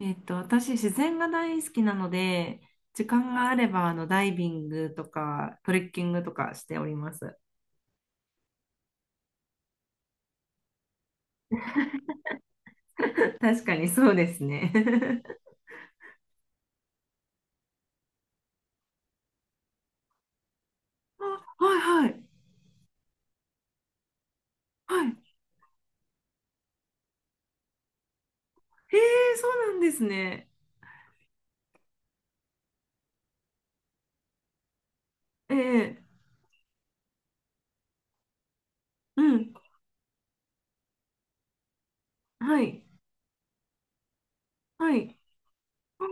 私、自然が大好きなので、時間があれば、ダイビングとか、トレッキングとかしております。確かにそうですね。あ、はいはい。はい。へえ、そうなんですね。ええ、うん。はい。はい。あ、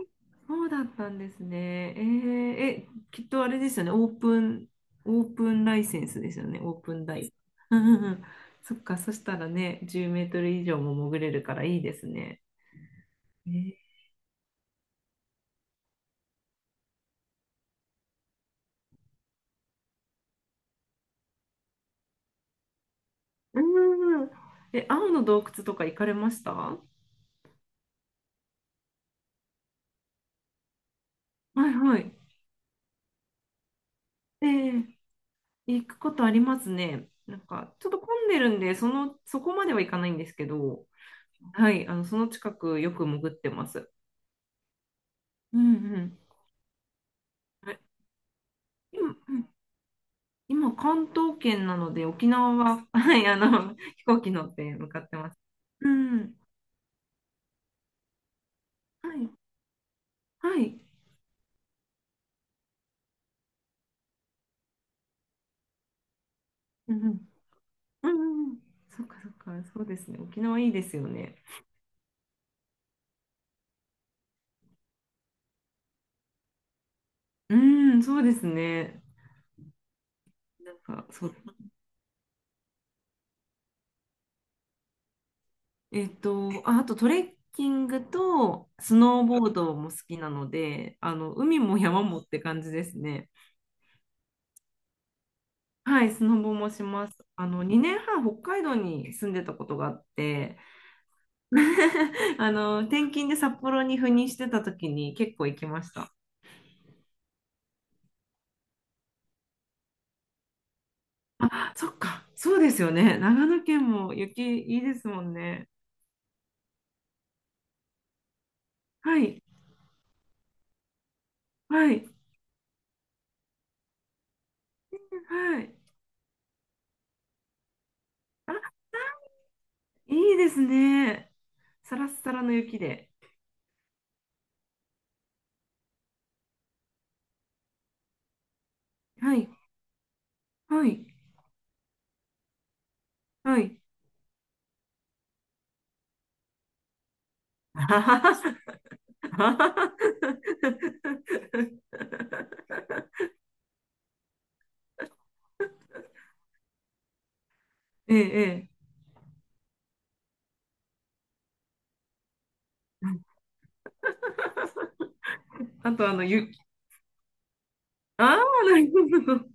そうだったんですね。ええ、え、きっとあれですよね。オープンライセンスですよね。オープンダイ。うんうんうん。そっか、そしたらね、10メートル以上も潜れるからいいですね。え、うーん。え、青の洞窟とか行かれました？はいはい。ええ、行くことありますね。なんか、ちょっと混んでるんで、そこまでは行かないんですけど、はい、その近くよく潜ってます。うんうん。今、うん今関東圏なので、沖縄は、はい、飛行機乗って向かってます。うん。はい、はい。うんうん。うんうんうん。そっかそっか、そうですね。沖縄いいですよね。うん、そうですね。なんか、そう。あ、あとトレッキングとスノーボードも好きなので、海も山もって感じですね。はい、スノボもします。2年半北海道に住んでたことがあって、転勤で札幌に赴任してた時に結構行きました。あ、そっか、そうですよね。長野県も雪いいですもんね。はい、はい、はい。あ、いいですね。サラッサラの雪で。はい、はい、はい。ええ、ええ。あと、ああ、なるほど。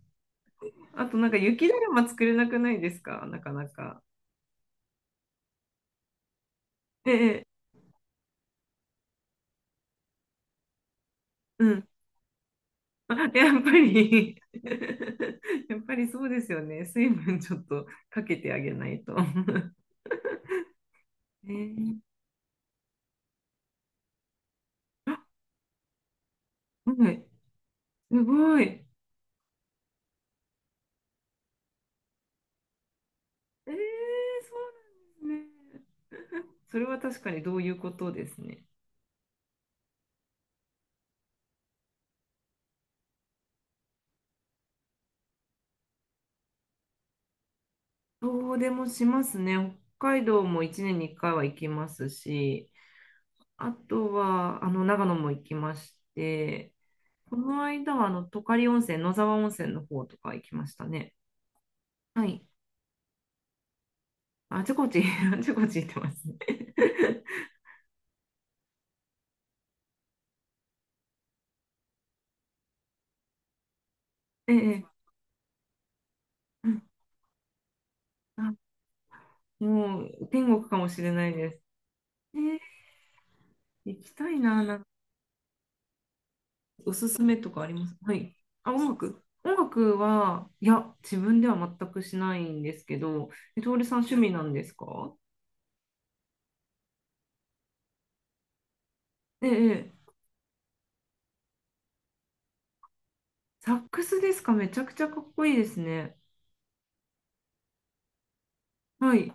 あと、なんか、雪だるま作れなくないですか？なかなか。ええ、うん。あ、やっぱり やっぱりそうですよね。水分ちょっとかけてあげないと。ええ、はい、すごい。ーそうなんですね。それは確かにどういうことですね。遠出もしますね。北海道も1年に1回は行きますし、あとは長野も行きまして、この間は十刈温泉、野沢温泉の方とか行きましたね。はい。あちこち、あちこち行ってますね。ええ、うん、あ、もう天国かもしれないです。ええ、行きたいな、なんかおすすめとかあります？はい。あ、音楽は、いや、自分では全くしないんですけど、え、徹さん趣味なんですか？ええ、ええ、サックスですか？めちゃくちゃかっこいいですね。はい。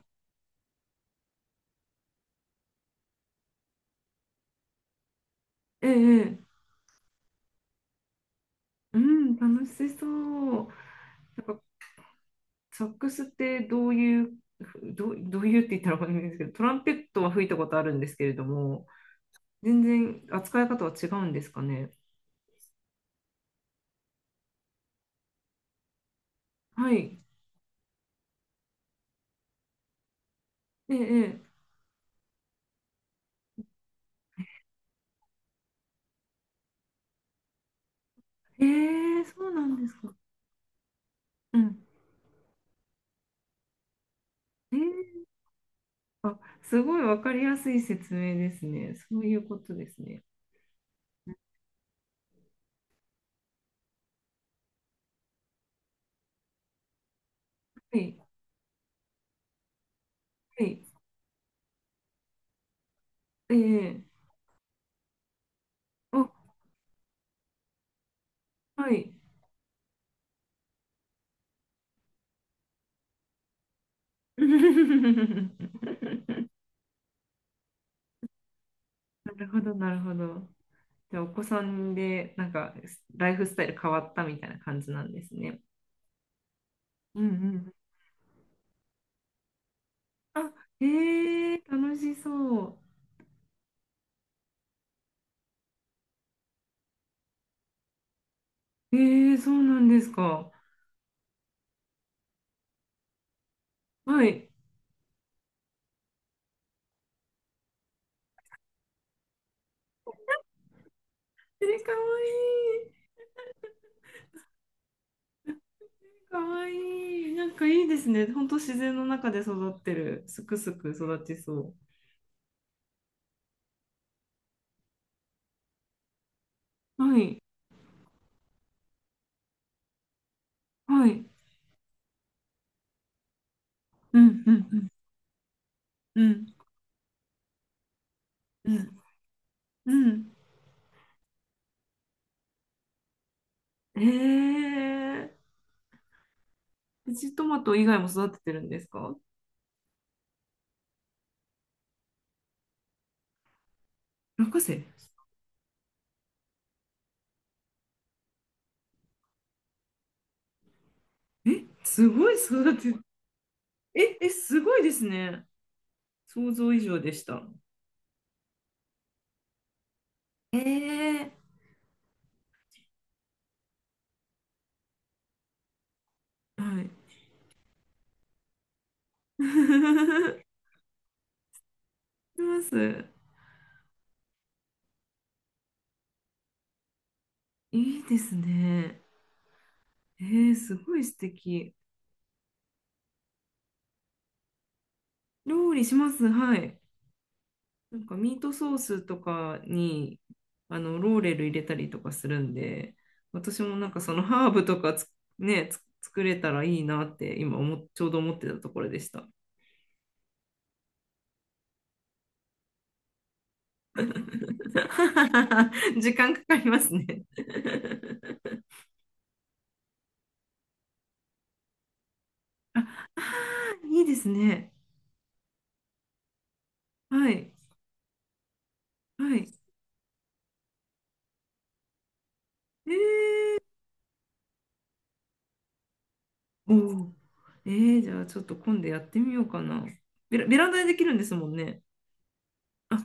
ええ、ええ、うん、楽しそう。なんか、サックスってどういうって言ったらわかんないんですけど、トランペットは吹いたことあるんですけれども、全然扱い方は違うんですかね。はい。ええ、ええ、ええ、そうなんですか。うん。ええ、あ、すごいわかりやすい説明ですね。そういうことですね。はい。はい。ええ、あ、はい。なるほど、なるほど。じゃあ、お子さんで、なんか、ライフスタイル変わったみたいな感じなんですね。うんうん。あ、楽しそう。そうなんですか。はい。かわいい。かわいい。なんかいいですね。ほんと自然の中で育ってる。すくすく育ちそう。はい。はい。うんうんうん。うん。うん。うん。えー、プチトマト以外も育ててるんですか？落花生、え、すごい育て、え、え、すごいですね。想像以上でした。えー、はい。します。いいですね。すごい素敵。料理します。はい。なんかミートソースとかにローレル入れたりとかするんで、私もなんかそのハーブとかつね、つ作れたらいいなって今思っちょうど思ってたところでした。時間かかりますね。いいですね。はい。はい。え、おお。えじゃあちょっと今度やってみようかな。ベランダでできるんですもんね。あ、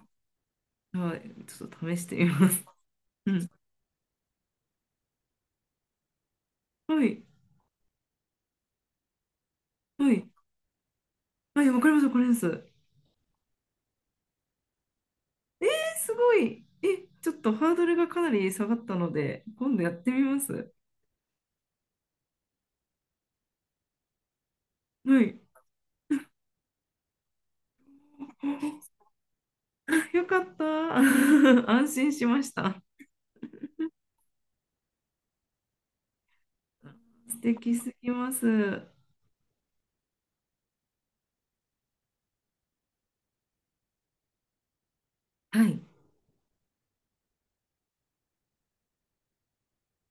はい。ちょっと試してみます。うん。はい。はい。はい、わかります、わかります。すごい。え、ちょっとハードルがかなり下がったので、今度やってみます。はい。あ、よかった。安心しました。素敵すぎます。はい。